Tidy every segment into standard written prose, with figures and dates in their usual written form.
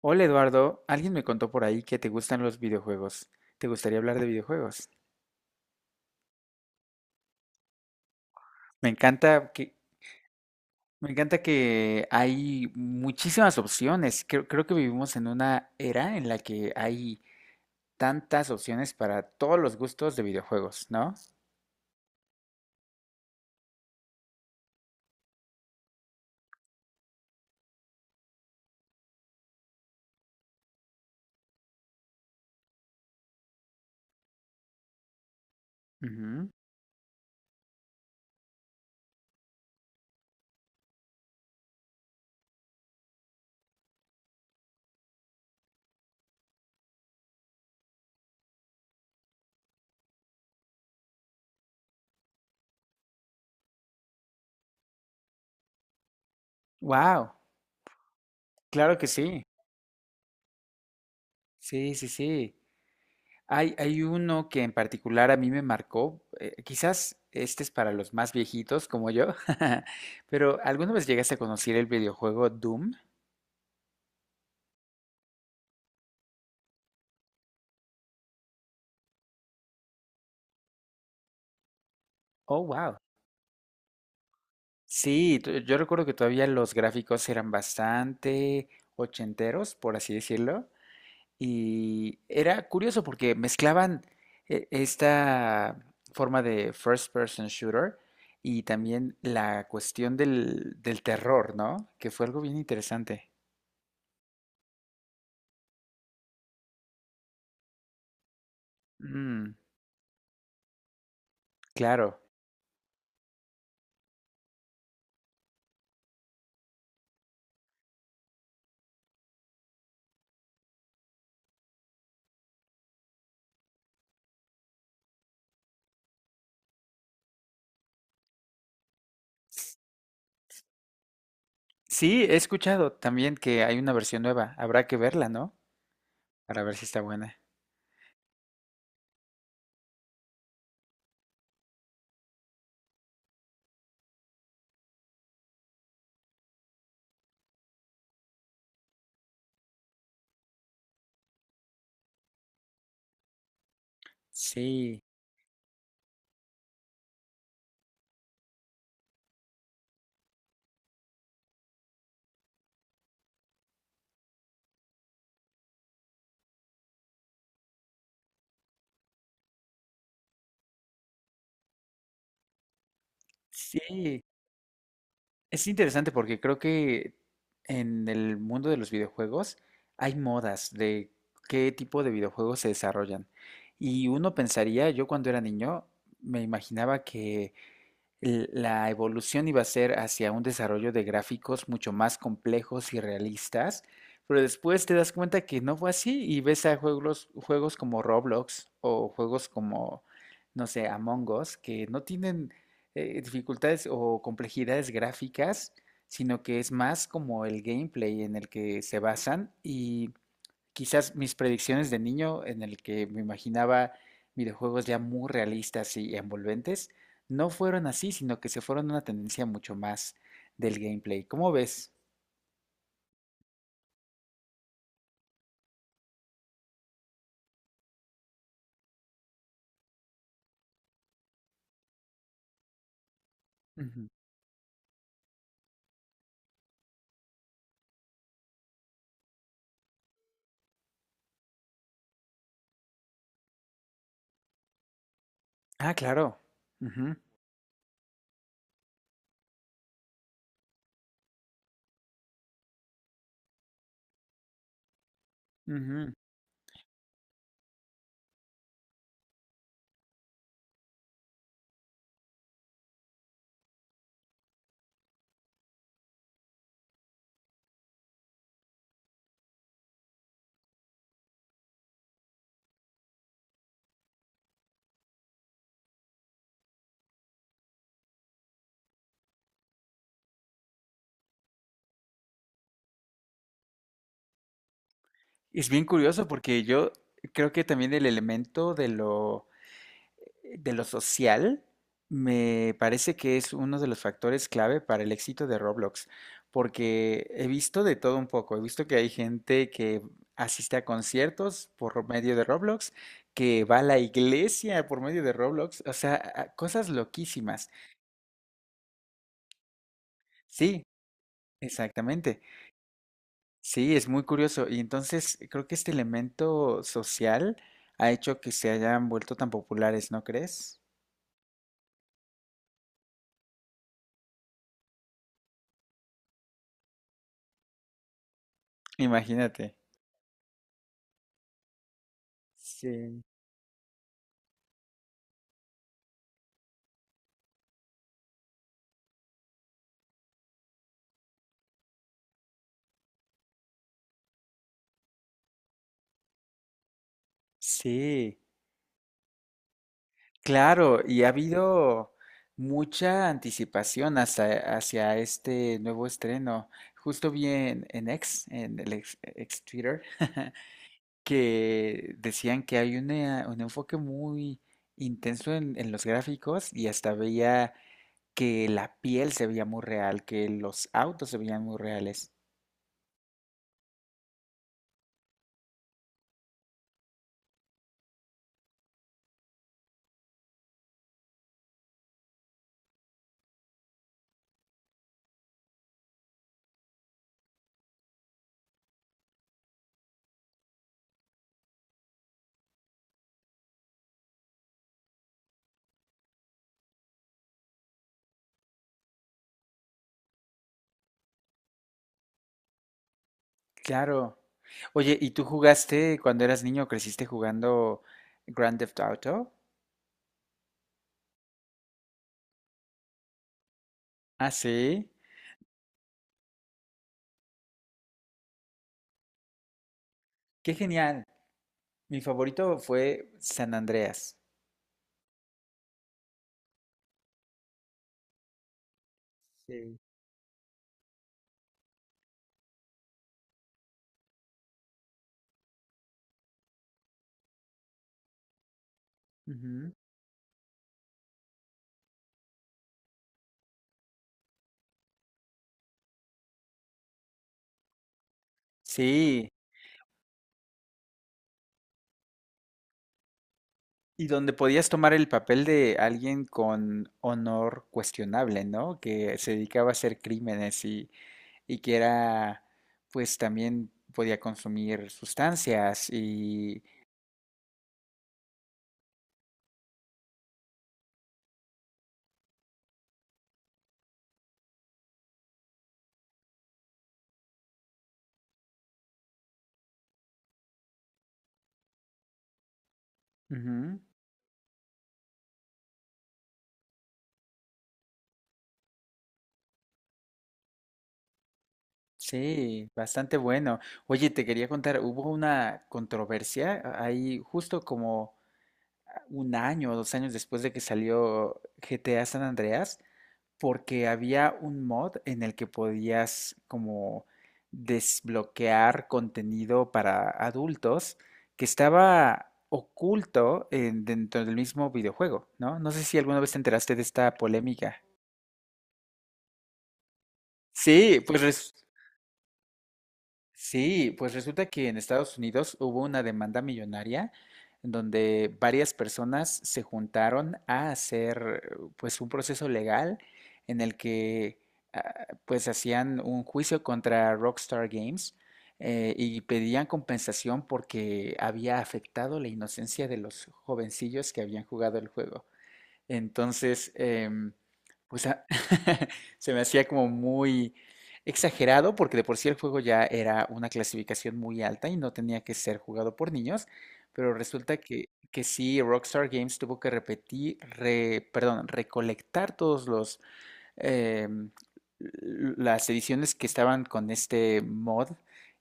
Hola Eduardo, alguien me contó por ahí que te gustan los videojuegos. ¿Te gustaría hablar de videojuegos? Me encanta que, me encanta que hay muchísimas opciones. Creo que vivimos en una era en la que hay tantas opciones para todos los gustos de videojuegos, ¿no? Wow, claro que sí. Sí, sí, sí. Hay uno que en particular a mí me marcó. Quizás este es para los más viejitos como yo, pero ¿alguna vez llegaste a conocer el videojuego Doom? Oh, wow. Sí, yo recuerdo que todavía los gráficos eran bastante ochenteros, por así decirlo, y era curioso porque mezclaban esta forma de first person shooter y también la cuestión del terror, ¿no? Que fue algo bien interesante. Mm, claro. Sí, he escuchado también que hay una versión nueva. Habrá que verla, ¿no? Para ver si está buena. Sí, sí. Es interesante porque creo que en el mundo de los videojuegos hay modas de qué tipo de videojuegos se desarrollan. Y uno pensaría, yo cuando era niño, me imaginaba que la evolución iba a ser hacia un desarrollo de gráficos mucho más complejos y realistas, pero después te das cuenta que no fue así y ves a juegos, juegos como Roblox o juegos como, no sé, Among Us, que no tienen dificultades o complejidades gráficas, sino que es más como el gameplay en el que se basan y quizás mis predicciones de niño, en el que me imaginaba videojuegos ya muy realistas y envolventes, no fueron así, sino que se fueron a una tendencia mucho más del gameplay. ¿Cómo ves? Ujú. Ah, claro. Ujú, ujú. Es bien curioso porque yo creo que también el elemento de lo social, me parece que es uno de los factores clave para el éxito de Roblox, porque he visto de todo un poco, he visto que hay gente que asiste a conciertos por medio de Roblox, que va a la iglesia por medio de Roblox, o sea, cosas loquísimas. Sí, exactamente. Sí, es muy curioso. Y entonces creo que este elemento social ha hecho que se hayan vuelto tan populares, ¿no crees? Imagínate. Sí. Sí. Claro, y ha habido mucha anticipación hacia este nuevo estreno. Justo vi en X, en el ex, ex Twitter, que decían que hay un enfoque muy intenso en los gráficos y hasta veía que la piel se veía muy real, que los autos se veían muy reales. Claro. Oye, ¿y tú jugaste cuando eras niño, creciste jugando Grand Theft Auto? Ah, sí. Qué genial. Mi favorito fue San Andreas. Sí. Ujú. Sí, y donde podías tomar el papel de alguien con honor cuestionable, ¿no? Que se dedicaba a hacer crímenes y que era, pues también podía consumir sustancias y... Ujú. Sí, bastante bueno. Oye, te quería contar, hubo una controversia ahí justo como un año o dos años después de que salió GTA San Andreas, porque había un mod en el que podías como desbloquear contenido para adultos que estaba oculto dentro del mismo videojuego, ¿no? No sé si alguna vez te enteraste de esta polémica. Sí, sí, pues resulta que en Estados Unidos hubo una demanda millonaria en donde varias personas se juntaron a hacer pues un proceso legal en el que pues hacían un juicio contra Rockstar Games, y pedían compensación porque había afectado la inocencia de los jovencillos que habían jugado el juego. Entonces, pues se me hacía como muy exagerado porque de por sí el juego ya era una clasificación muy alta y no tenía que ser jugado por niños, pero resulta que sí, Rockstar Games tuvo que recolectar todos los em, las ediciones que estaban con este mod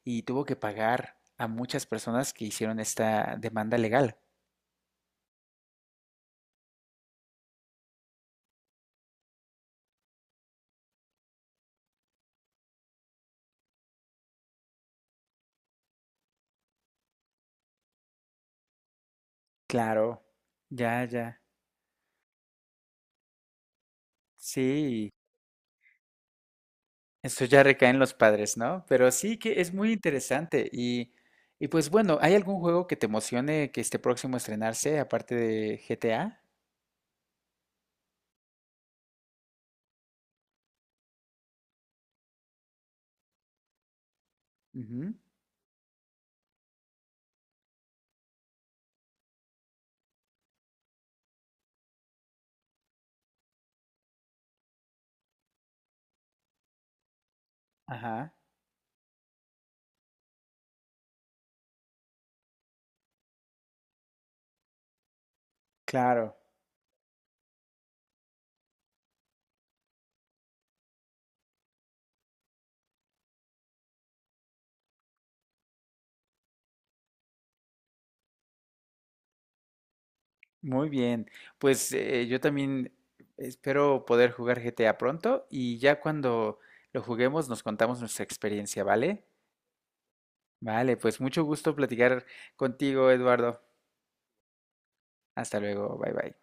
y tuvo que pagar a muchas personas que hicieron esta demanda legal. Claro, ya, ya. Sí, eso ya recae en los padres, ¿no? Pero sí que es muy interesante. Y pues bueno, ¿hay algún juego que te emocione que esté próximo a estrenarse, aparte de GTA? Ujú. Ajá, claro. Muy bien. Pues yo también espero poder jugar GTA pronto y ya cuando lo juguemos nos contamos nuestra experiencia, ¿vale? Vale, pues mucho gusto platicar contigo, Eduardo. Hasta luego, bye bye.